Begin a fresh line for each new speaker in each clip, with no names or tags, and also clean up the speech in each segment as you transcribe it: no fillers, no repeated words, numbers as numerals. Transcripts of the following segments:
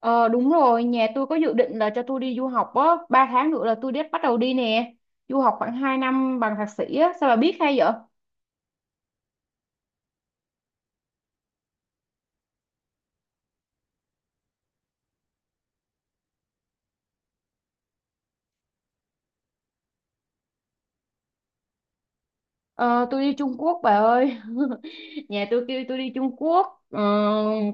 Ờ, đúng rồi, nhà tôi có dự định là cho tôi đi du học á, 3 tháng nữa là tôi đã bắt đầu đi nè. Du học khoảng 2 năm bằng thạc sĩ á, sao bà biết hay vậy? Ờ, tôi đi Trung Quốc bà ơi. Nhà tôi kêu tôi đi Trung Quốc,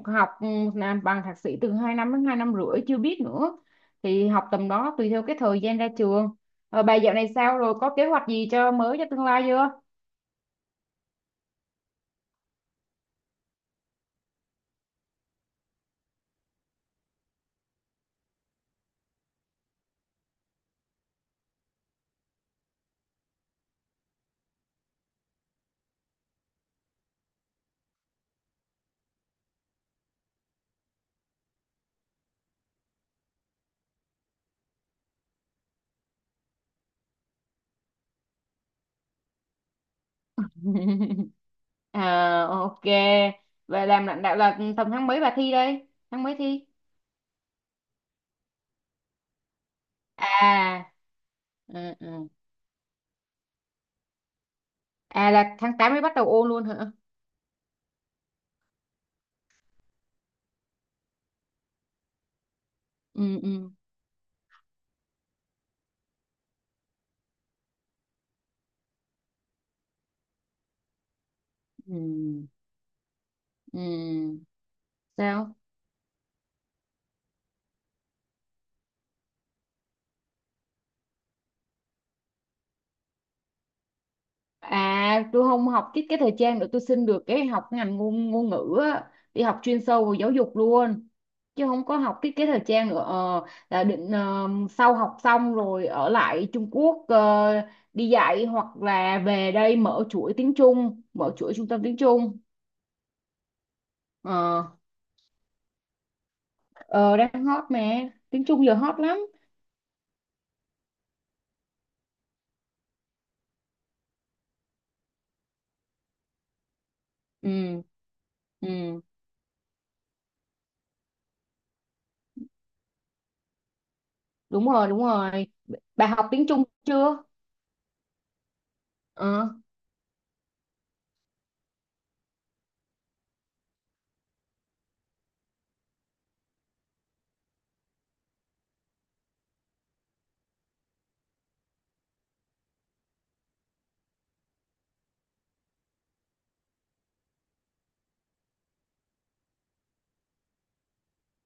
học, làm bằng thạc sĩ từ 2 năm đến 2 năm rưỡi chưa biết nữa. Thì học tầm đó tùy theo cái thời gian ra trường. Ờ, bà dạo này sao rồi, có kế hoạch gì cho mới cho tương lai chưa? À, ok. Và làm lãnh đạo là tầm tháng mấy bà thi đây? Tháng mấy thi? À. Ừ, ừ. À, là tháng 8 mới bắt đầu ôn luôn hả? Ừ, ừ, ừ, ừ. Sao? À, tôi không học thiết kế thời trang nữa, tôi xin được cái học ngành ngôn ngôn ngữ á, đi học chuyên sâu về giáo dục luôn chứ không có học thiết kế thời trang nữa, là định, sau học xong rồi ở lại Trung Quốc, đi dạy hoặc là về đây mở chuỗi trung tâm tiếng Trung. ờ, ờ Đang hot mà, tiếng Trung giờ hot lắm. Ừ, ừ, đúng rồi, đúng rồi. Bà học tiếng Trung chưa? Ờ.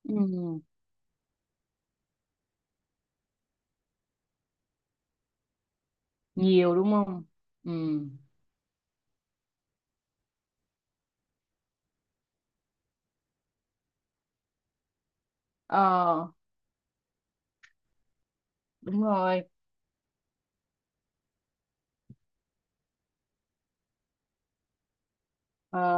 Ừ. Nhiều đúng không? Ừ. Ờ, đúng rồi. Ờ,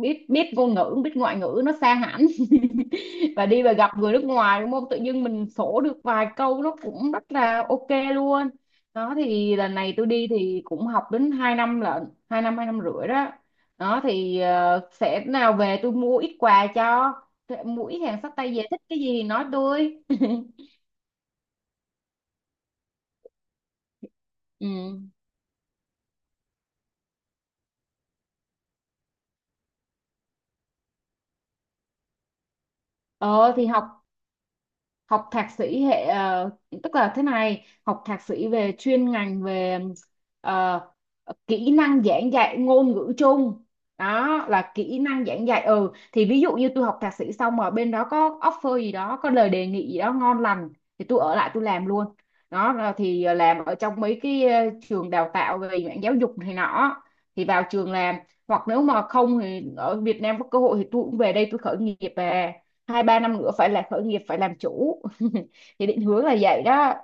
biết biết ngôn ngữ, biết ngoại ngữ nó xa hẳn. Và gặp người nước ngoài đúng không, tự dưng mình sổ được vài câu nó cũng rất là ok luôn. Đó thì lần này tôi đi thì cũng học đến 2 năm lận, 2 năm, 2 năm rưỡi đó. Đó thì sẽ nào về tôi mua ít quà cho mũi hàng xách tay về, thích cái gì thì nói tôi. Ừ. ờ thì học học thạc sĩ hệ, tức là thế này, học thạc sĩ về chuyên ngành về, ờ, kỹ năng giảng dạy ngôn ngữ chung. Đó là kỹ năng giảng dạy, thì ví dụ như tôi học thạc sĩ xong mà bên đó có offer gì đó, có lời đề nghị gì đó ngon lành thì tôi ở lại tôi làm luôn. Đó là thì làm ở trong mấy cái, trường đào tạo về mảng giáo dục này nọ thì vào trường làm. Hoặc nếu mà không thì ở Việt Nam có cơ hội thì tôi cũng về đây tôi khởi nghiệp, về 2-3 năm nữa phải là khởi nghiệp phải làm chủ. Thì định hướng là vậy đó.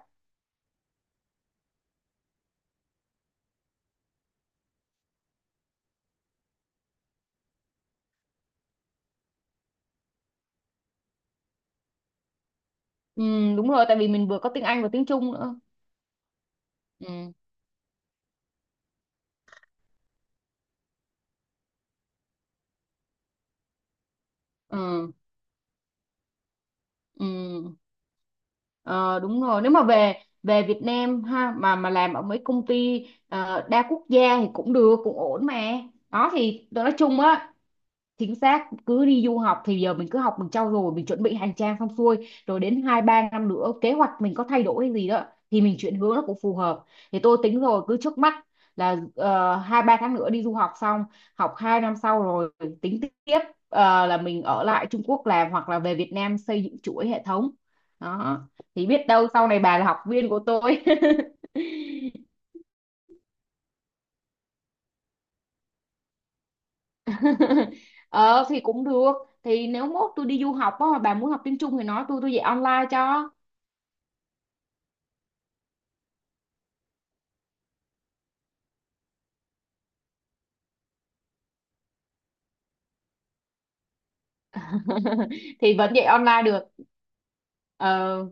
Ừ, đúng rồi, tại vì mình vừa có tiếng Anh và tiếng Trung nữa. Ừ, ừ, ừ. Ờ, đúng rồi, nếu mà về về Việt Nam ha, mà làm ở mấy công ty, đa quốc gia thì cũng được, cũng ổn mà. Đó thì tôi nói chung á, chính xác cứ đi du học thì giờ mình cứ học, mình trau dồi, mình chuẩn bị hành trang xong xuôi rồi đến 2-3 năm nữa kế hoạch mình có thay đổi hay gì đó thì mình chuyển hướng nó cũng phù hợp. Thì tôi tính rồi, cứ trước mắt là, 2-3 tháng nữa đi du học xong, học 2 năm sau rồi tính tiếp, là mình ở lại Trung Quốc làm hoặc là về Việt Nam xây dựng chuỗi hệ thống đó. Thì biết đâu sau này bà là học viên của tôi. Ờ thì cũng được, thì nếu mốt tôi đi du học á mà bà muốn học tiếng Trung thì nói tôi dạy online cho. Thì vẫn dạy online được. Ờ,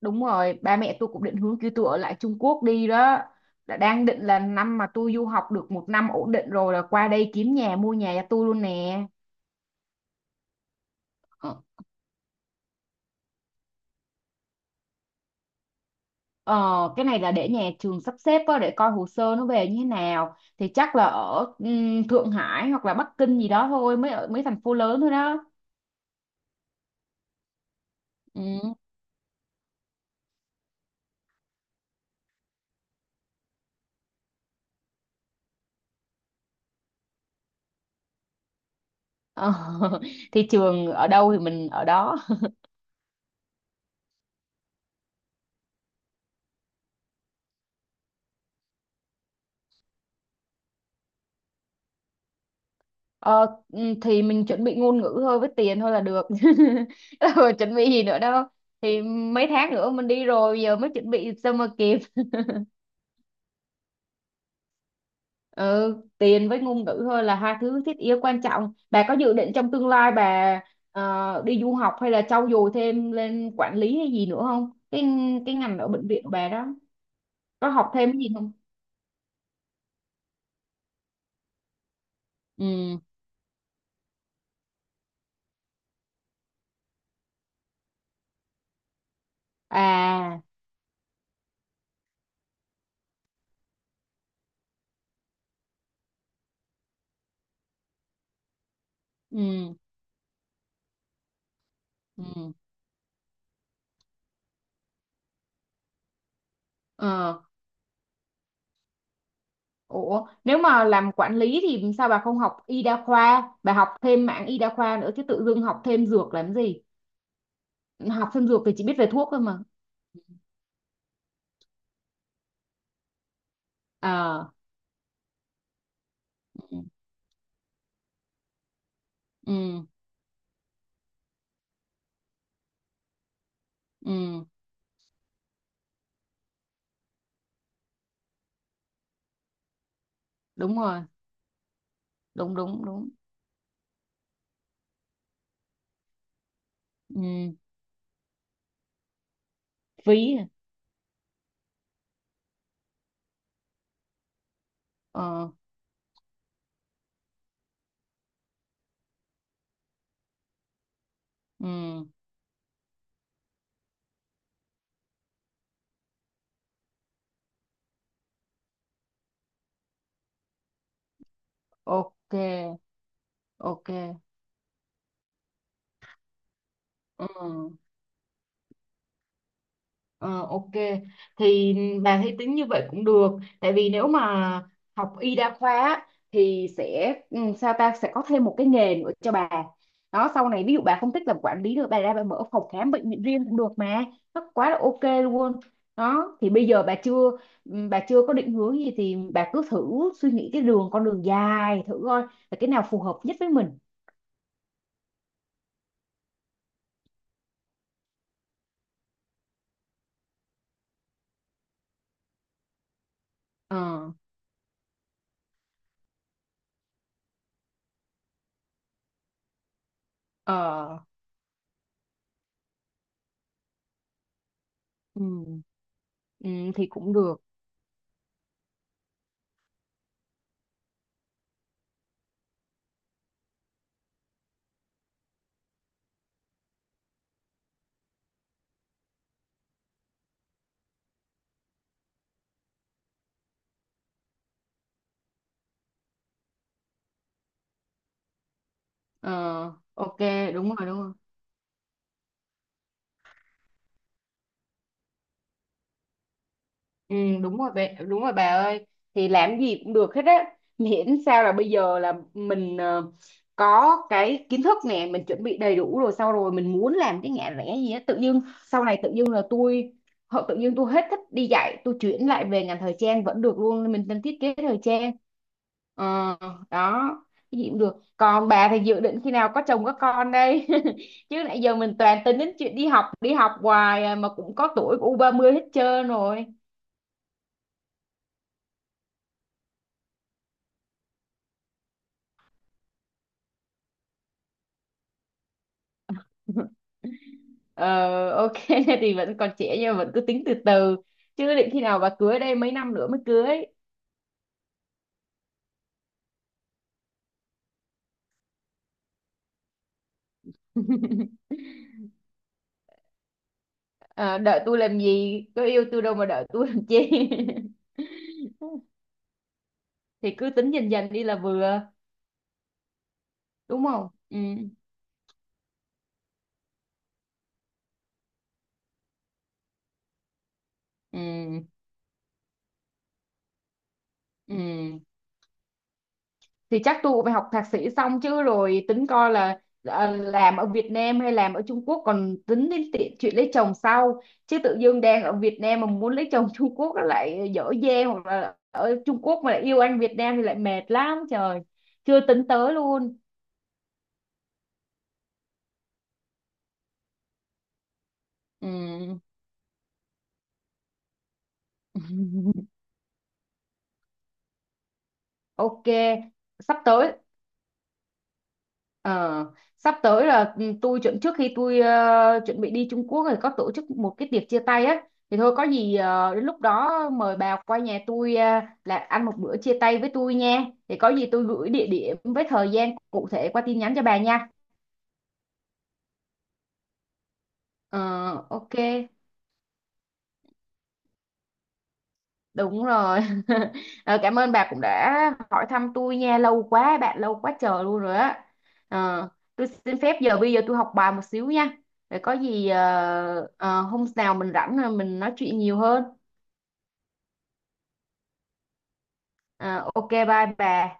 đúng rồi, ba mẹ tôi cũng định hướng kêu tôi ở lại Trung Quốc đi đó, đã đang định là năm mà tôi du học được một năm ổn định rồi là qua đây kiếm nhà mua nhà cho tôi luôn nè. Ờ, cái này là để nhà trường sắp xếp á, để coi hồ sơ nó về như thế nào thì chắc là ở, Thượng Hải hoặc là Bắc Kinh gì đó thôi, mấy ở mấy thành phố lớn thôi đó. Ừ. Ờ. Thì trường ở đâu thì mình ở đó. Ờ, thì mình chuẩn bị ngôn ngữ thôi với tiền thôi là được. Ờ, chuẩn bị gì nữa đâu, thì mấy tháng nữa mình đi rồi giờ mới chuẩn bị sao mà kịp. Ừ, tiền với ngôn ngữ thôi là hai thứ thiết yếu quan trọng. Bà có dự định trong tương lai bà, đi du học hay là trau dồi thêm lên quản lý hay gì nữa không, cái cái ngành ở bệnh viện của bà đó có học thêm cái gì không? Ừ. À. Ừ. Ừ. Ờ. Ủa, nếu mà làm quản lý thì sao bà không học y đa khoa, bà học thêm mảng y đa khoa nữa chứ tự dưng học thêm dược làm gì? Học thêm dược thì chỉ biết về thuốc thôi mà. Ờ, ừ, ừ, ừ, đúng rồi, đúng đúng đúng. Ừ, phí. À? Ờ, ừ, ok, ok. Ừ. Ờ, ok, thì bà thấy tính như vậy cũng được, tại vì nếu mà học y đa khoa á, thì sẽ, sao ta, sẽ có thêm một cái nghề nữa cho bà đó. Sau này ví dụ bà không thích làm quản lý nữa, bà ra bà mở phòng khám bệnh viện riêng cũng được mà, nó quá là ok luôn. Đó thì bây giờ bà chưa, ừ, bà chưa có định hướng gì thì bà cứ thử suy nghĩ cái đường con đường dài thử coi là cái nào phù hợp nhất với mình. Ờ. Ờ. Ừ. Ừ, thì cũng được. Ờ, ok, đúng rồi, đúng rồi. Ừ, đúng rồi bé, đúng rồi bà ơi, thì làm gì cũng được hết á, miễn sao là bây giờ là mình, có cái kiến thức nè, mình chuẩn bị đầy đủ rồi, sau rồi mình muốn làm cái ngã rẽ gì á tự dưng sau này tự dưng là tôi họ tự dưng tôi hết thích đi dạy, tôi chuyển lại về ngành thời trang vẫn được luôn, mình đang thiết kế thời trang. Ờ, đó. Cái gì cũng được. Còn bà thì dự định khi nào có chồng có con đây? Chứ nãy giờ mình toàn tính đến chuyện đi học hoài à, mà cũng có tuổi của u 30 hết trơn rồi. Ờ, ok. Thì vẫn còn trẻ nhưng mà vẫn cứ tính từ từ, chứ định khi nào bà cưới đây, mấy năm nữa mới cưới? Ờ, đợi tôi làm gì, có yêu tôi đâu mà đợi tôi làm chi. Thì cứ tính dần dần đi là vừa, đúng không? Ừ. Ừ. Ừ. Thì chắc tôi cũng phải học thạc sĩ xong chứ, rồi tính coi là, làm ở Việt Nam hay làm ở Trung Quốc, còn tính đến chuyện lấy chồng sau. Chứ tự dưng đang ở Việt Nam mà muốn lấy chồng, Trung Quốc nó lại dở dang, hoặc là ở Trung Quốc mà lại yêu anh Việt Nam thì lại mệt lắm trời. Chưa tính tới luôn. Ừ. Ok. Sắp tới. Ờ, sắp tới là, tôi chuẩn trước khi tôi, chuẩn bị đi Trung Quốc rồi có tổ chức một cái tiệc chia tay á, thì thôi có gì, đến lúc đó mời bà qua nhà tôi, là ăn một bữa chia tay với tôi nha, thì có gì tôi gửi địa điểm với thời gian cụ thể qua tin nhắn cho bà nha. Ờ, ok. Đúng rồi. Ờ, cảm ơn bà cũng đã hỏi thăm tôi nha, lâu quá bạn, lâu quá chờ luôn rồi á. Ờ, tôi xin phép bây giờ tôi học bài một xíu nha. Để có gì, hôm nào mình rảnh rồi mình nói chuyện nhiều hơn. Ờ, ok bye bà.